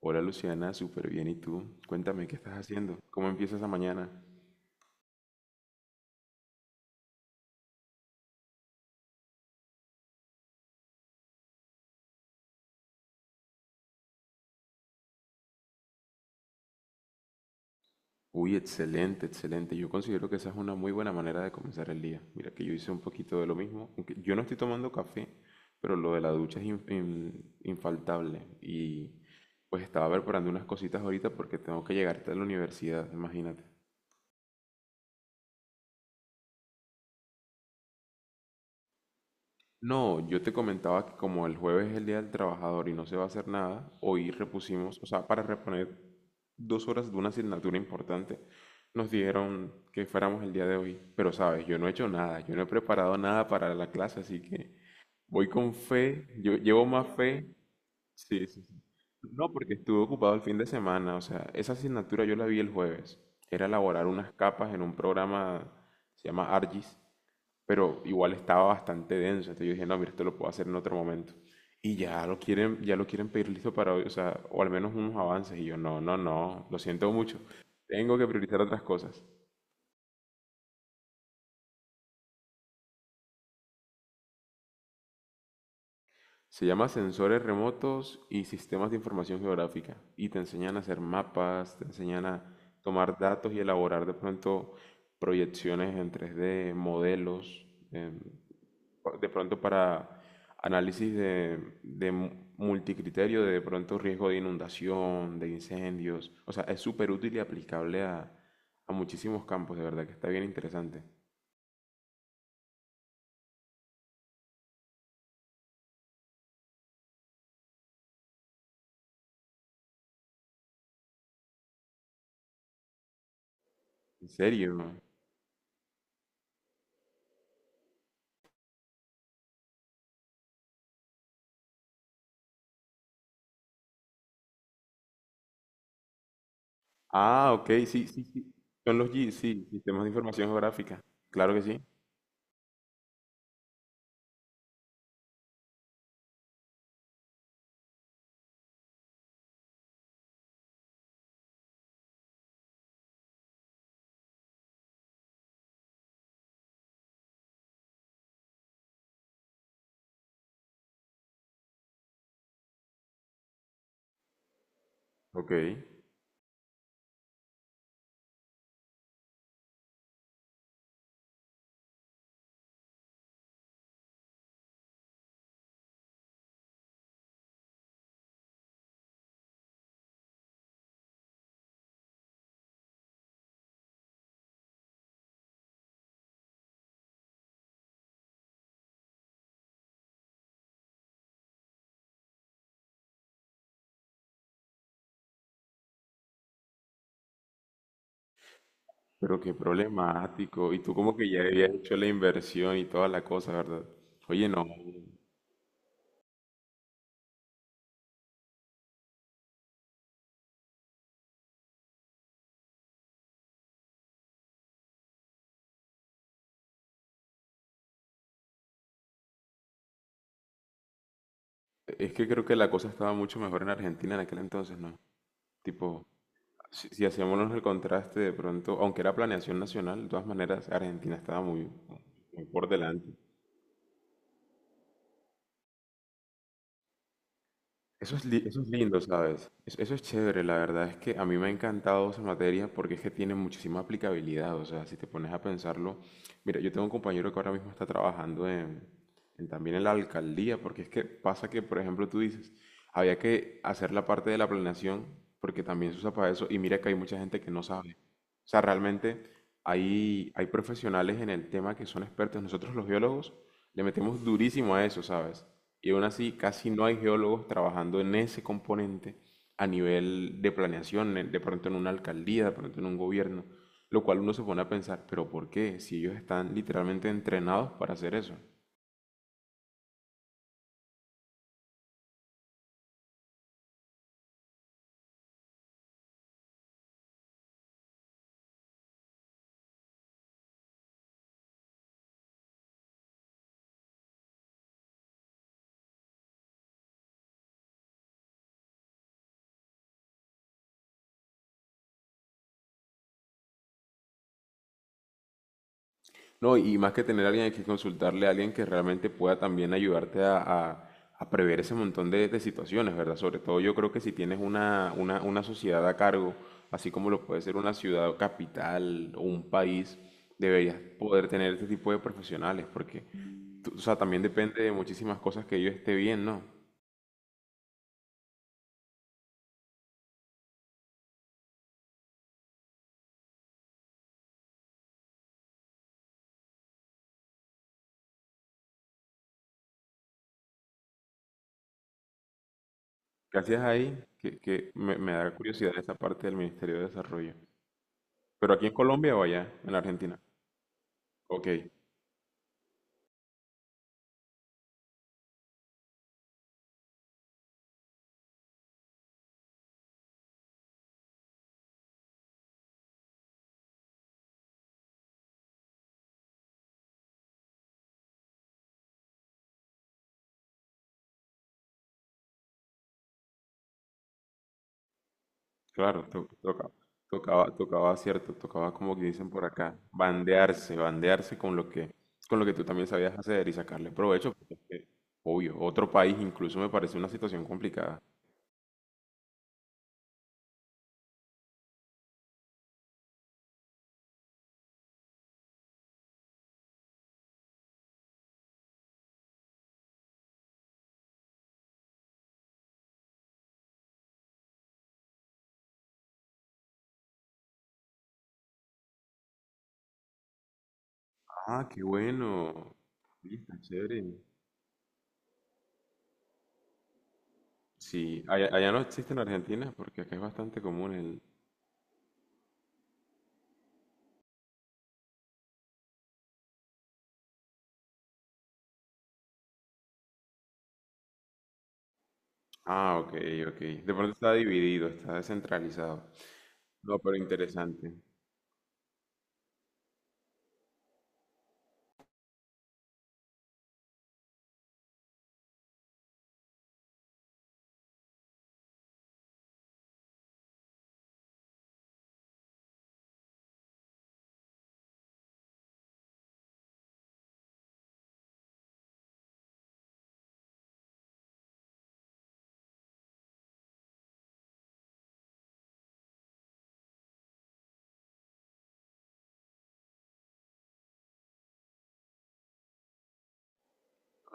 Hola Luciana, súper bien. ¿Y tú? Cuéntame, ¿qué estás haciendo? ¿Cómo empieza esa mañana? Uy, excelente, excelente. Yo considero que esa es una muy buena manera de comenzar el día. Mira que yo hice un poquito de lo mismo, aunque yo no estoy tomando café, pero lo de la ducha es infaltable. Y pues estaba preparando unas cositas ahorita porque tengo que llegar a la universidad, imagínate. No, yo te comentaba que como el jueves es el Día del Trabajador y no se va a hacer nada, hoy repusimos, o sea, para reponer dos horas de una asignatura importante, nos dijeron que fuéramos el día de hoy. Pero sabes, yo no he hecho nada, yo no he preparado nada para la clase, así que voy con fe, yo llevo más fe. Sí, sí, sí. No, porque estuve ocupado el fin de semana, o sea, esa asignatura yo la vi el jueves. Era elaborar unas capas en un programa, se llama ARGIS, pero igual estaba bastante denso. Entonces yo dije, no, mira, esto lo puedo hacer en otro momento. Y ya lo quieren pedir listo para hoy, o sea, o al menos unos avances. Y yo, no, no, no, lo siento mucho. Tengo que priorizar otras cosas. Se llama sensores remotos y sistemas de información geográfica. Y te enseñan a hacer mapas, te enseñan a tomar datos y elaborar de pronto proyecciones en 3D, modelos. em, de pronto para análisis de multicriterio, de pronto riesgo de inundación, de incendios. O sea, es súper útil y aplicable a muchísimos campos, de verdad que está bien interesante. ¿En serio? Ah, ok, sí, sí, sí. Son los GIS, sí, sistemas de información geográfica. Claro que sí. Ok, pero qué problemático. Y tú como que ya habías hecho la inversión y toda la cosa, ¿verdad? Oye, no. Es que creo que la cosa estaba mucho mejor en Argentina en aquel entonces, ¿no? Tipo, si hacemos el contraste de pronto, aunque era planeación nacional, de todas maneras Argentina estaba muy, muy por delante. Eso es, eso es lindo, ¿sabes? Eso es chévere, la verdad es que a mí me ha encantado esa materia porque es que tiene muchísima aplicabilidad, o sea, si te pones a pensarlo, mira, yo tengo un compañero que ahora mismo está trabajando en también en la alcaldía, porque es que pasa que, por ejemplo, tú dices, había que hacer la parte de la planeación porque también se usa para eso y mira que hay mucha gente que no sabe. O sea, realmente hay profesionales en el tema que son expertos, nosotros los biólogos le metemos durísimo a eso, ¿sabes? Y aún así casi no hay geólogos trabajando en ese componente a nivel de planeación, de pronto en una alcaldía, de pronto en un gobierno, lo cual uno se pone a pensar, pero ¿por qué? Si ellos están literalmente entrenados para hacer eso. No, y más que tener a alguien hay que consultarle a alguien que realmente pueda también ayudarte a prever ese montón de situaciones, ¿verdad? Sobre todo yo creo que si tienes una sociedad a cargo, así como lo puede ser una ciudad o capital o un país, deberías poder tener este tipo de profesionales, porque, o sea, también depende de muchísimas cosas que yo esté bien, ¿no? Gracias ahí, me da curiosidad esa parte del Ministerio de Desarrollo. ¿Pero aquí en Colombia o allá, en Argentina? Ok. Claro, tocaba, tocaba, cierto, tocaba como que dicen por acá, bandearse, bandearse con lo que tú también sabías hacer y sacarle provecho, porque es que, obvio, otro país incluso me parece una situación complicada. Ah, qué bueno. Sí, está chévere. Sí, allá, allá no existe en Argentina porque acá es bastante común el... Ah, ok, ok. De pronto está dividido, está descentralizado. No, pero interesante.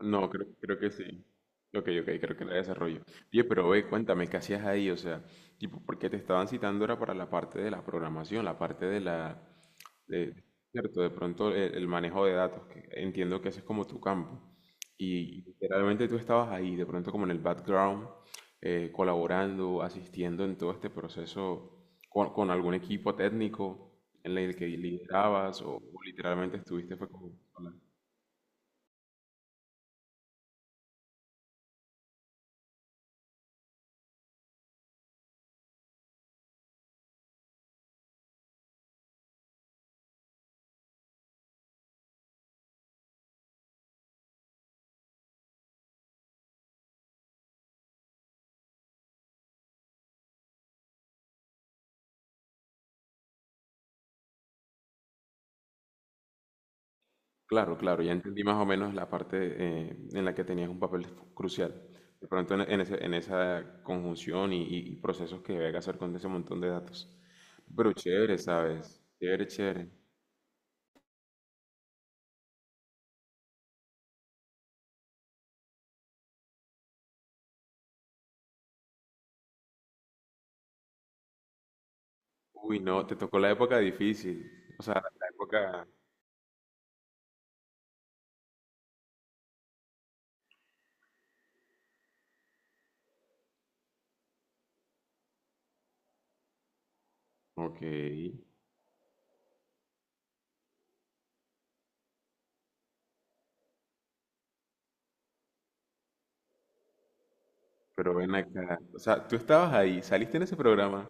No, creo, creo que sí. Ok, ok, creo que la desarrollo. Oye, pero ve, cuéntame, ¿qué hacías ahí? O sea, tipo, porque te estaban citando era para la parte de la programación, la parte de la, de, cierto, de pronto el manejo de datos, que entiendo que ese es como tu campo. Y literalmente tú estabas ahí, de pronto como en el background, colaborando, asistiendo en todo este proceso con algún equipo técnico en el que liderabas o literalmente estuviste fue como claro, claro, ya entendí más o menos la parte en la que tenías un papel crucial. De pronto en en esa conjunción y procesos que debe hacer con ese montón de datos. Pero chévere, ¿sabes? Chévere, chévere. Uy, no, te tocó la época difícil. O sea, la época... Ok, pero ven acá. O sea, tú estabas ahí, saliste en ese programa.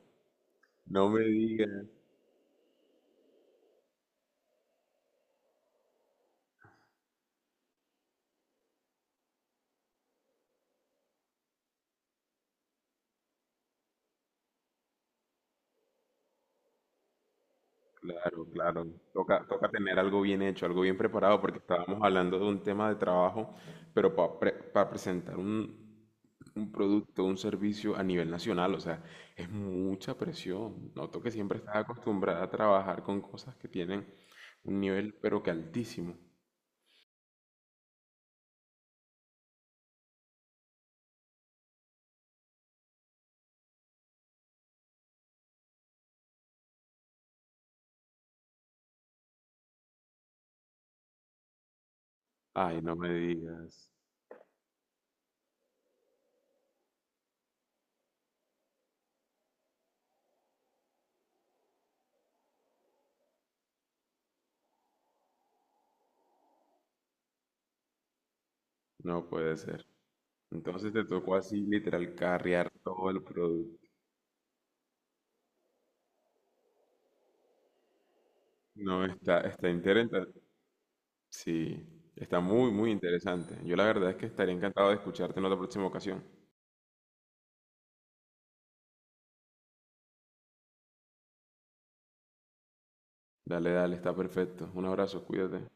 No me digas. Claro, claro. Toca, toca tener algo bien hecho, algo bien preparado, porque estábamos hablando de un tema de trabajo, pero para presentar un producto, un servicio a nivel nacional, o sea, es mucha presión. Noto que siempre estás acostumbrada a trabajar con cosas que tienen un nivel, pero que altísimo. Ay, no me digas, no puede ser. Entonces te tocó así, literal, carrear todo el producto. No, está, está interesante, sí, está muy, muy interesante. Yo la verdad es que estaría encantado de escucharte en otra próxima ocasión. Dale, dale, está perfecto. Un abrazo, cuídate.